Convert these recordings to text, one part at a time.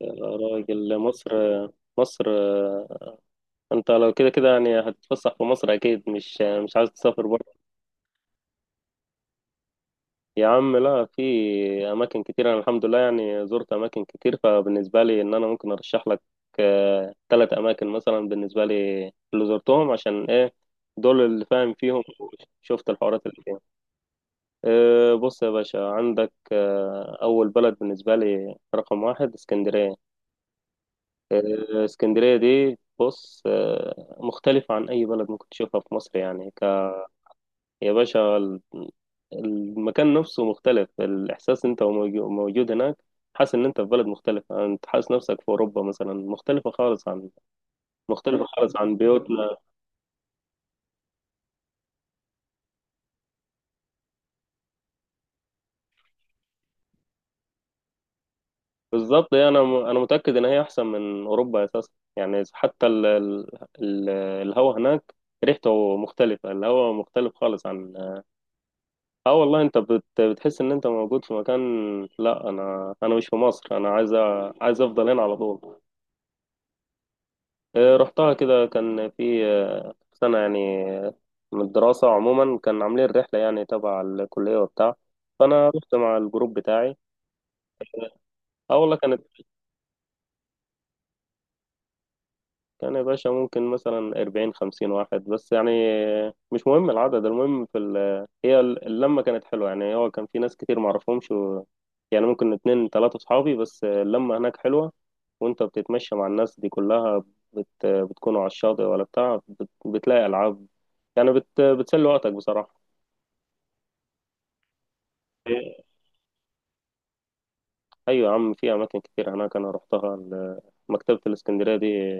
يا راجل، مصر. مصر. انت لو كده كده يعني هتتفسح في مصر، اكيد مش عايز تسافر بره. يا عم، لا، في اماكن كتير. انا الحمد لله يعني زرت اماكن كتير، فبالنسبه لي ان انا ممكن ارشح لك ثلاث اماكن مثلا. بالنسبه لي اللي زرتهم عشان ايه؟ دول اللي فاهم فيهم، شفت الحوارات اللي فيهم. بص يا باشا، عندك اول بلد بالنسبه لي رقم واحد اسكندريه. اسكندرية دي بص، مختلفة عن أي بلد ممكن تشوفها في مصر، يعني يا باشا، المكان نفسه مختلف، الإحساس أنت موجود هناك، حاسس إن أنت في بلد مختلفة، أنت حاسس نفسك في أوروبا مثلا، مختلفة خالص عن مختلفة خالص عن بيوتنا. بالظبط، يعني أنا متأكد إن هي أحسن من أوروبا أساسا. يعني حتى ال- الهوا هناك ريحته مختلفة، الهوا مختلف خالص عن، اه والله انت بتحس ان انت موجود في مكان، لا انا مش في مصر، انا عايز افضل هنا على طول. رحتها كده، كان في سنة يعني من الدراسة عموما، كان عاملين رحلة يعني تبع الكلية وبتاع، فانا رحت مع الجروب بتاعي. اه والله كانت، كان يا باشا ممكن مثلا 40 50 واحد بس، يعني مش مهم العدد، المهم في هي اللمة كانت حلوة، يعني هو كان في ناس كتير معرفهمش و... يعني ممكن اتنين تلاتة صحابي بس، اللمة هناك حلوة، وانت بتتمشى مع الناس دي كلها، بتكونوا على الشاطئ ولا بتاع، بتلاقي ألعاب يعني، بتسلي وقتك بصراحة. إيه، أيوة يا عم، في أماكن كتير هناك أنا رحتها، مكتبة الإسكندرية دي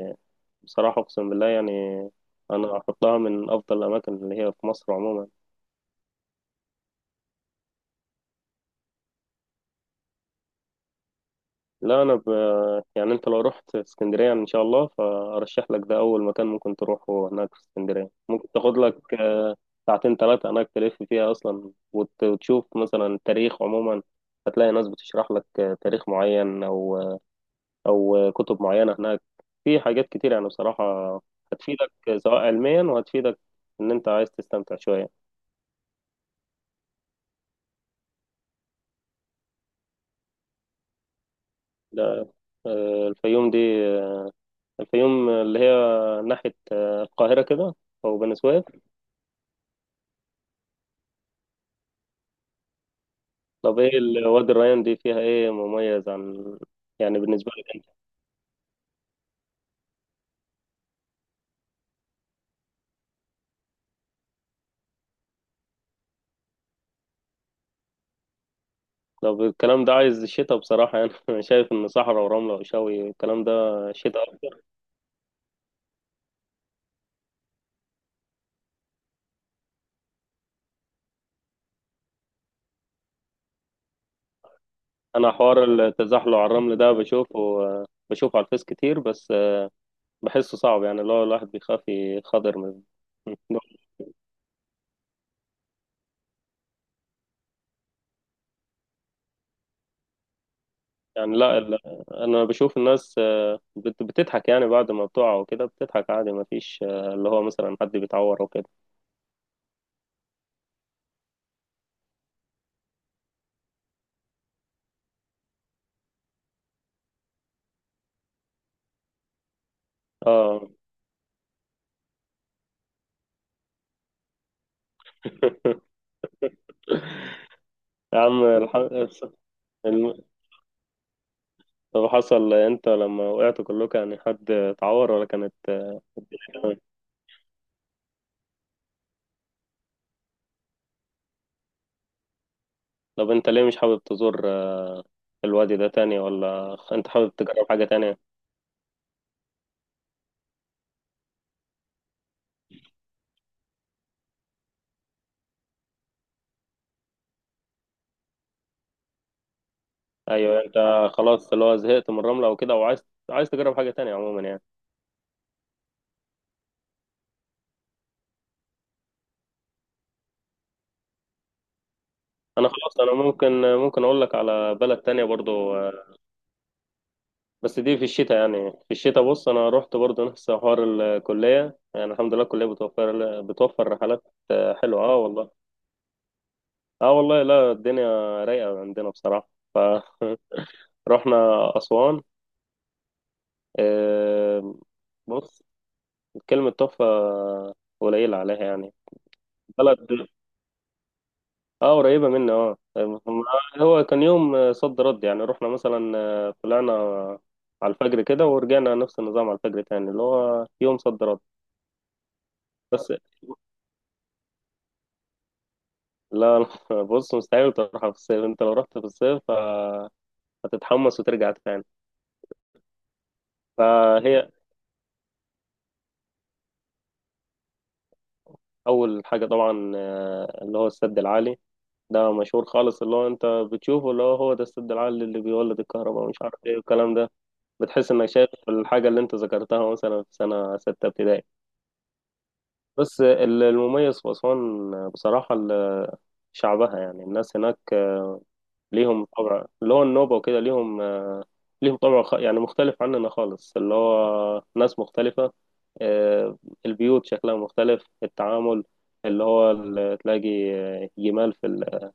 بصراحة أقسم بالله يعني أنا أحطها من أفضل الأماكن اللي هي في مصر عموما. لا، يعني انت لو رحت اسكندريه ان شاء الله، فارشح لك ده اول مكان ممكن تروحه هناك في اسكندريه. ممكن تاخد لك ساعتين ثلاثه هناك، تلف فيها اصلا وتشوف مثلا التاريخ عموما، هتلاقي ناس بتشرح لك تاريخ معين او او كتب معينه هناك. في حاجات كتير يعني بصراحه هتفيدك، سواء علميا، وهتفيدك ان انت عايز تستمتع شويه. ده الفيوم دي، آه، الفيوم اللي هي ناحيه القاهره كده، او بني سويف. طب ايه وادي الريان دي فيها ايه مميز عن، يعني بالنسبة لك انت؟ طب الكلام ده عايز شتاء بصراحة يعني انا شايف ان صحراء ورملة وشوي الكلام ده شتاء اكتر. انا حوار التزحلق على الرمل ده بشوفه على الفيس كتير، بس بحسه صعب يعني اللي هو الواحد بيخاف يخاطر من. يعني لا، انا بشوف الناس بتضحك، يعني بعد ما بتقع وكده بتضحك عادي، ما فيش اللي هو مثلا حد بيتعور وكده. اه. يا عم طب حصل انت لما وقعتوا كلكم، يعني حد اتعور ولا كانت الدنيا تمام؟ طب انت ليه مش حابب تزور الوادي ده تاني، ولا انت حابب تجرب حاجة تانية؟ ايوه انت خلاص اللي هو زهقت من الرملة وكده، وعايز عايز تجرب حاجة تانية عموما يعني. انا خلاص، انا ممكن اقول لك على بلد تانية برضو بس دي في الشتاء. يعني في الشتاء بص انا رحت برضو نفس حوار الكلية، يعني الحمد لله الكلية بتوفر رحلات حلوة، اه والله. اه والله، لا الدنيا رايقة عندنا بصراحة، ف رحنا أسوان. آه، بص، كلمة تحفة قليلة عليها يعني. بلد، اه قريبة مني، اه هو كان يوم صد رد، يعني رحنا مثلا طلعنا على الفجر كده ورجعنا نفس النظام على الفجر تاني اللي هو يوم صد رد. بس لا، لا، بص مستحيل تروحها في الصيف، انت لو رحت في الصيف هتتحمس وترجع تاني. فهي أول حاجة طبعا اللي هو السد العالي ده مشهور خالص، اللي هو انت بتشوفه اللي هو هو ده السد العالي اللي بيولد الكهرباء، مش عارف ايه والكلام ده. بتحس انك شايف الحاجة اللي انت ذكرتها مثلا في سنة ستة ابتدائي. بس المميز في أسوان بصراحة شعبها يعني، الناس هناك ليهم طبع اللي هو النوبة وكده، ليهم طبع يعني مختلف عننا خالص، اللي هو ناس مختلفة. آه، البيوت شكلها مختلف، التعامل اللي هو تلاقي جمال في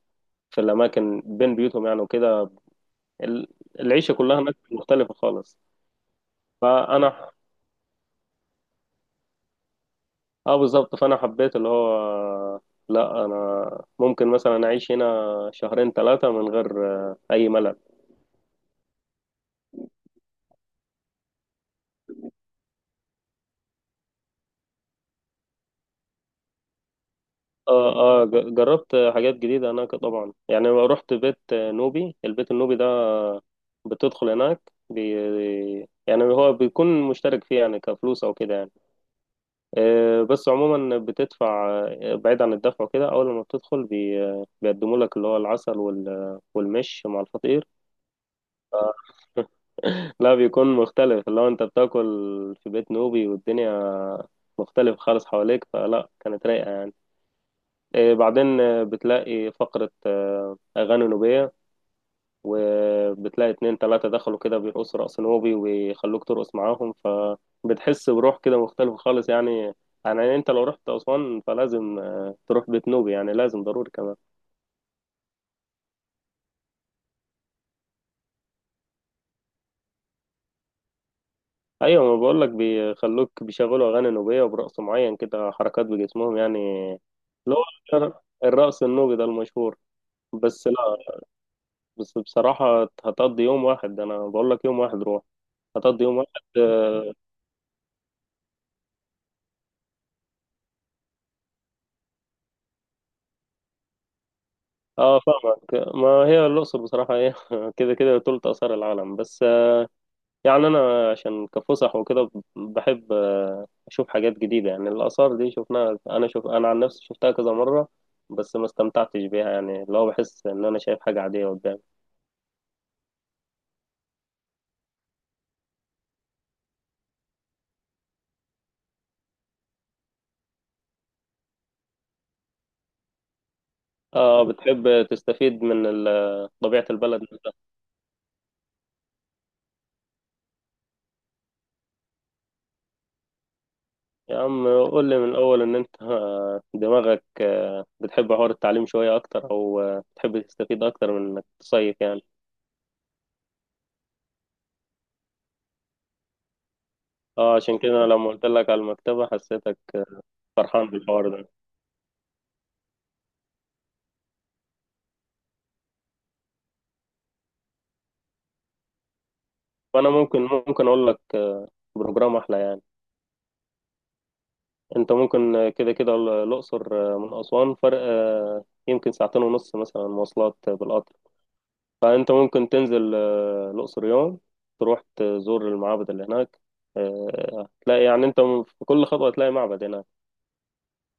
في الأماكن بين بيوتهم يعني وكده. ال- العيشة كلها هناك مختلفة خالص. فأنا، اه بالظبط، فأنا حبيت اللي هو لا، أنا ممكن مثلا أعيش هنا شهرين ثلاثة من غير أي ملل. اه اه، جربت حاجات جديدة هناك طبعا، يعني لما رحت بيت نوبي البيت النوبي ده بتدخل هناك بي، يعني هو بيكون مشترك فيه يعني كفلوس أو كده يعني. بس عموما بتدفع. بعيد عن الدفع وكده، اول ما بتدخل بي بيقدموا لك اللي هو العسل والمش مع الفطير. لا بيكون مختلف، اللي هو انت بتاكل في بيت نوبي والدنيا مختلف خالص حواليك، فلا كانت رايقة يعني. بعدين بتلاقي فقرة أغاني نوبية، وبتلاقي اتنين تلاتة دخلوا كده بيرقصوا رقص نوبي ويخلوك ترقص معاهم، فبتحس بروح كده مختلفة خالص يعني. يعني انت لو رحت أسوان فلازم تروح بيت نوبي، يعني لازم ضروري كمان. أيوة، ما بقولك بيخلوك بيشغلوا أغاني نوبية، وبرقص معين كده حركات بجسمهم يعني. اللي هو الرقص النوبي ده المشهور. بس لا، بس بصراحة هتقضي يوم واحد، أنا بقولك يوم واحد روح، هتقضي يوم واحد آه، اه فاهمك. ما هي الأقصر بصراحة ايه كده كده تلت آثار العالم، بس يعني أنا عشان كفسح وكده بحب أشوف حاجات جديدة، يعني الآثار دي شفناها أنا شوف، أنا عن نفسي شفتها كذا مرة بس ما استمتعتش بيها، يعني اللي هو بحس إن أنا شايف حاجة عادية قدامي. اه بتحب تستفيد من طبيعة البلد نفسها. يا عم قول لي من الأول إن أنت دماغك بتحب حوار التعليم شوية أكتر، أو بتحب تستفيد أكتر من إنك تصيف يعني. اه عشان كده أنا لما قلت لك على المكتبة حسيتك فرحان بالحوار ده. فأنا ممكن أقول لك بروجرام أحلى يعني. أنت ممكن كده كده الأقصر من أسوان فرق يمكن ساعتين ونص مثلا مواصلات بالقطر. فأنت ممكن تنزل الأقصر يوم، تروح تزور المعابد اللي هناك هتلاقي يعني أنت في كل خطوة هتلاقي معبد هناك.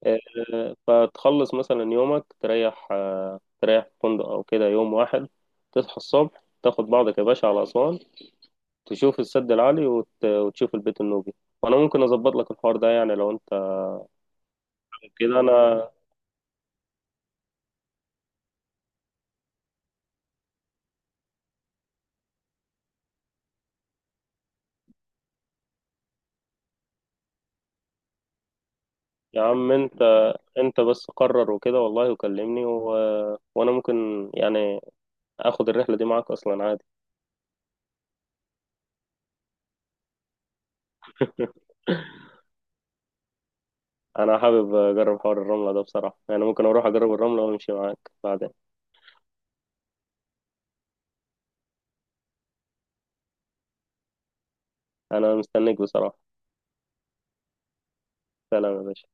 فتخلص مثلا يومك، تريح تريح في فندق أو كده يوم واحد. تصحى الصبح تاخد بعضك يا باشا على أسوان، تشوف السد العالي وتشوف البيت النوبي. وانا ممكن اظبط لك الحوار ده يعني، لو انت كده. انا، يا عم انت، انت بس قرر وكده والله وكلمني و... وانا ممكن يعني اخد الرحله دي معاك اصلا عادي. انا حابب اجرب حوار الرمله ده بصراحه يعني، ممكن اروح اجرب الرمله وامشي معاك بعدين. انا مستنيك بصراحه. سلام يا باشا.